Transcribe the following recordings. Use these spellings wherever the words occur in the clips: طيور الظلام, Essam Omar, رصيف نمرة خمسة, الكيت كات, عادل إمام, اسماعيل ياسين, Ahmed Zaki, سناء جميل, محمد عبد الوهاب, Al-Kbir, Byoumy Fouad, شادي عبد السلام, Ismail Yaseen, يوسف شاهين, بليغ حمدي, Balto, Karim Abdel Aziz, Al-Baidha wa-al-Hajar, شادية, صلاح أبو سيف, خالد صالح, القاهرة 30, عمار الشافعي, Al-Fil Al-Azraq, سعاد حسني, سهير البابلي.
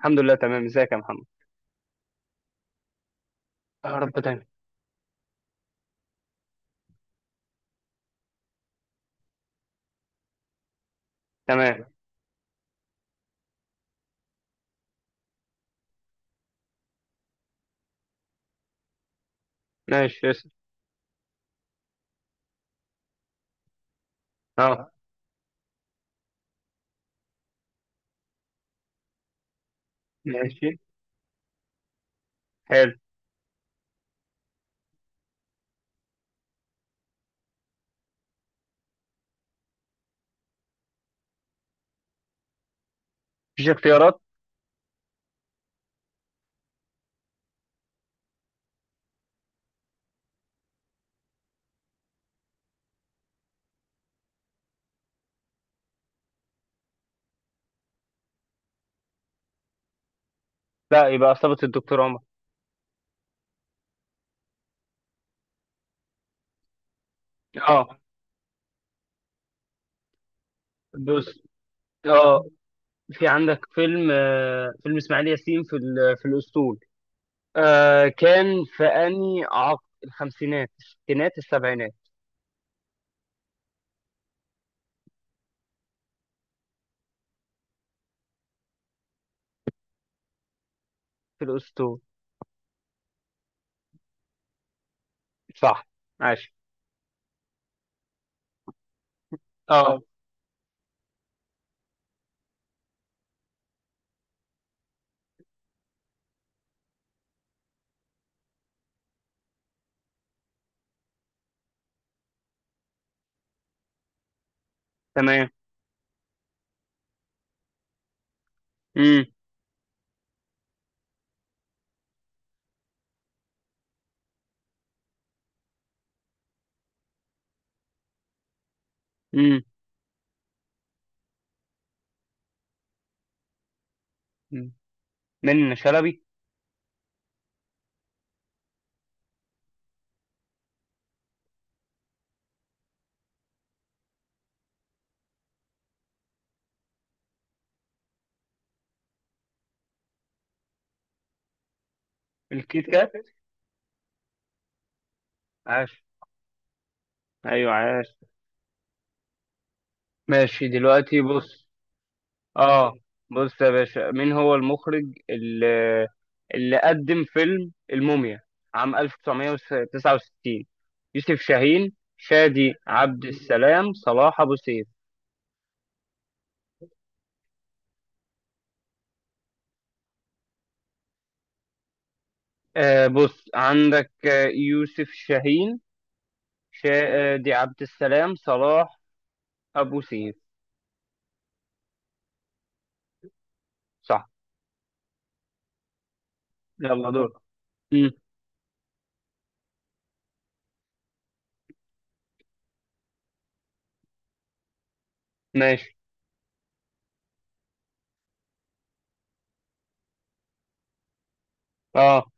الحمد لله تمام. ازيك يا محمد؟ يا رب دايما. تمام. ماشي. اسم. اه. ماشي حلو. مفيش اختيارات. لا، يبقى عصابة الدكتور عمر. اه. بص، اه في عندك فيلم فيلم اسماعيل ياسين في في الاسطول. آه كان في انهي عقد، الخمسينات، الستينات، السبعينات؟ في الاسطول. صح. ماشي. اه. تمام. امم امم من شلبي. الكيت كات. عاش. ايوه عاش. ماشي دلوقتي، بص. اه. بص يا باشا، مين هو المخرج اللي قدم فيلم الموميا عام 1969؟ يوسف شاهين، شادي عبد السلام، صلاح أبو سيف. آه بص عندك، يوسف شاهين، شادي عبد السلام، صلاح أبو سيف. صح. يلا دور. مم. ماشي. اه.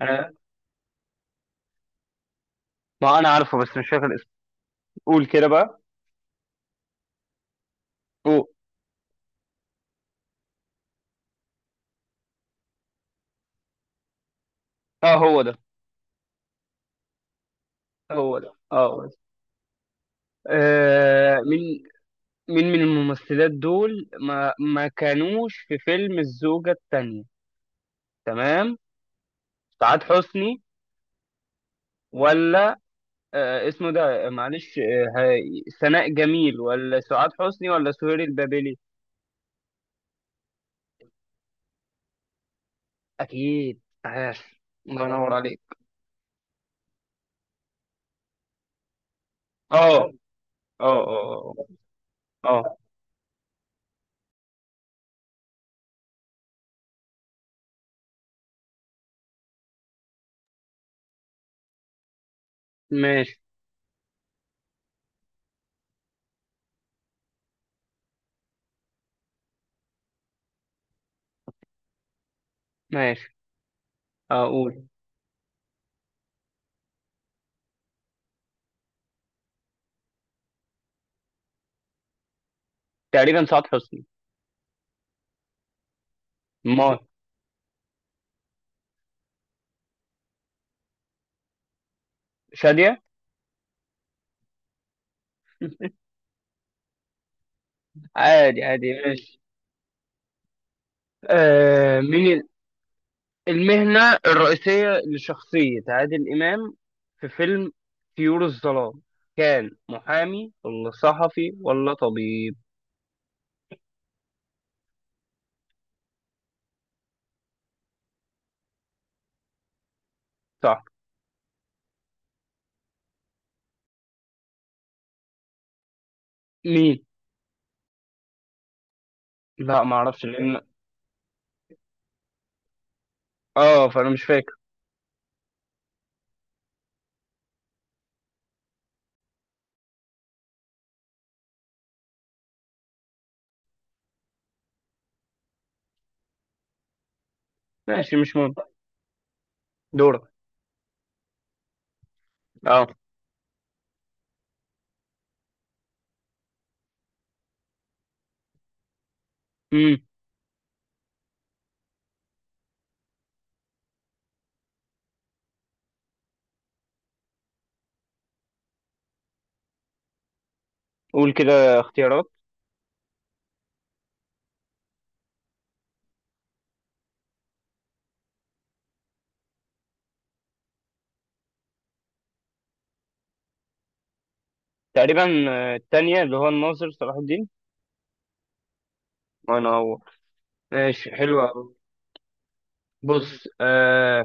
أنا، ما أنا عارفه بس مش فاكر اسمه. قول كده بقى. قول. اه هو ده، هو ده. اه هو ده. مين؟ مين من الممثلات دول ما كانوش في فيلم الزوجة التانية؟ تمام. سعاد حسني، ولا آه اسمه ده آه، معلش آه هاي- سناء جميل، ولا سعاد حسني، ولا سهير البابلي؟ اكيد، عاش. الله ينور عليك. اه اه اه. اه اه. آه. ماشي. ماشي. اقول تقريبا سعاد حسني. ما شادية. عادي عادي. ماشي. مين؟ المهنة الرئيسية لشخصية عادل إمام في فيلم طيور الظلام، كان محامي ولا صحفي ولا طبيب؟ صح. مين؟ لا، ما اعرفش لان اه، فانا مش فاكر. ماشي، مش مهم. دورك. اه. امم قول كده اختيارات. تقريبا التانية اللي هو الناظر صلاح الدين. وانا هو. ماشي، حلوة. بص آه،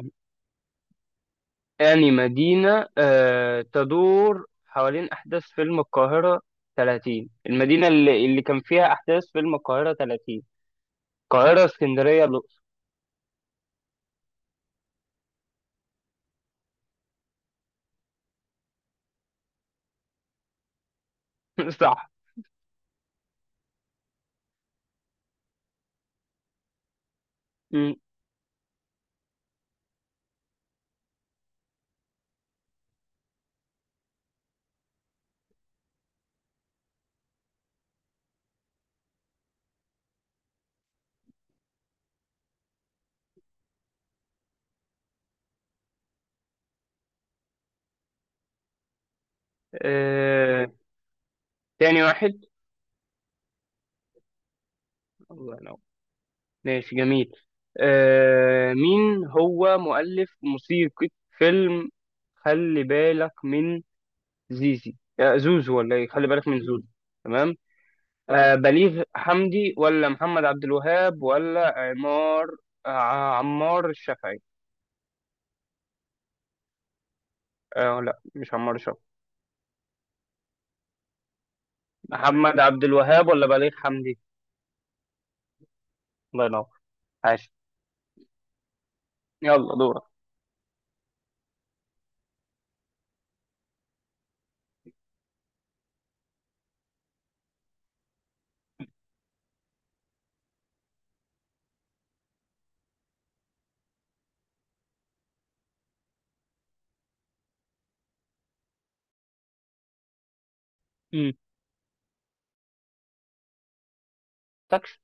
يعني مدينة، تدور حوالين أحداث فيلم القاهرة 30. المدينة اللي كان فيها أحداث فيلم القاهرة 30: القاهرة، اسكندرية، الأقصر؟ صح. م. آه، تاني واحد. الله ينور. ماشي جميل. مين هو مؤلف موسيقى فيلم خلي بالك من زيزي، زوزو، ولا إيه؟ خلي بالك من زوزو. آه بليغ حمدي، ولا محمد عبد الوهاب، ولا عمار، آه عمار الشافعي؟ آه لا، مش عمار الشافعي. محمد عبد الوهاب ولا بليغ حمدي؟ الله ينور. عاش. يلا دورك. امم تاكش.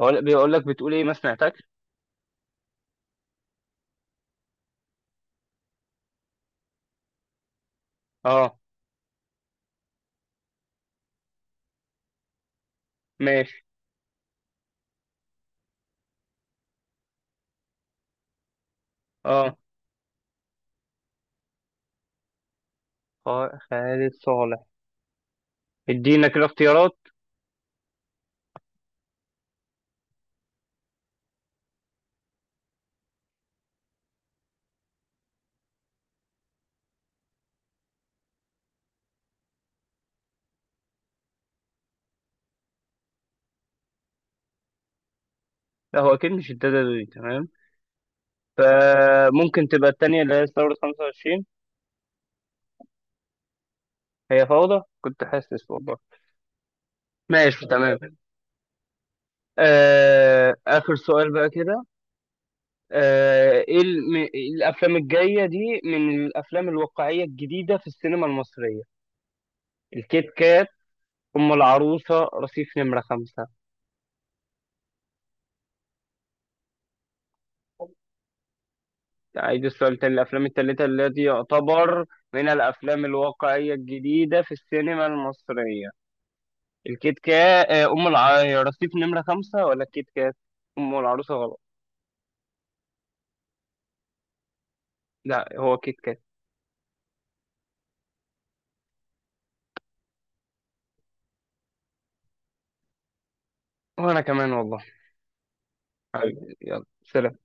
هو بيقول لك، بتقول ايه؟ ما سمعتكش. اه. ماشي. اه. خالد صالح. ادينا كده اختيارات. لا هو اكيد مش الدادا دي، تمام. فممكن تبقى التانية اللي هي ثورة 25. هي فوضى، كنت حاسس والله. ماشي تمام. آه آخر سؤال بقى كده. آه، ايه إيه الافلام الجايه دي من الافلام الواقعيه الجديده في السينما المصريه؟ الكيت كات، ام العروسه، رصيف نمرة 5؟ أعيد السؤال تاني. الأفلام التالتة التي يعتبر من الأفلام الواقعية الجديدة في السينما المصرية: الكيت كات، أم رصيف نمرة 5، ولا الكيت كات؟ أم العروسة غلط. لا هو كيت كات. وأنا كمان والله. حبيبي، يلا سلام.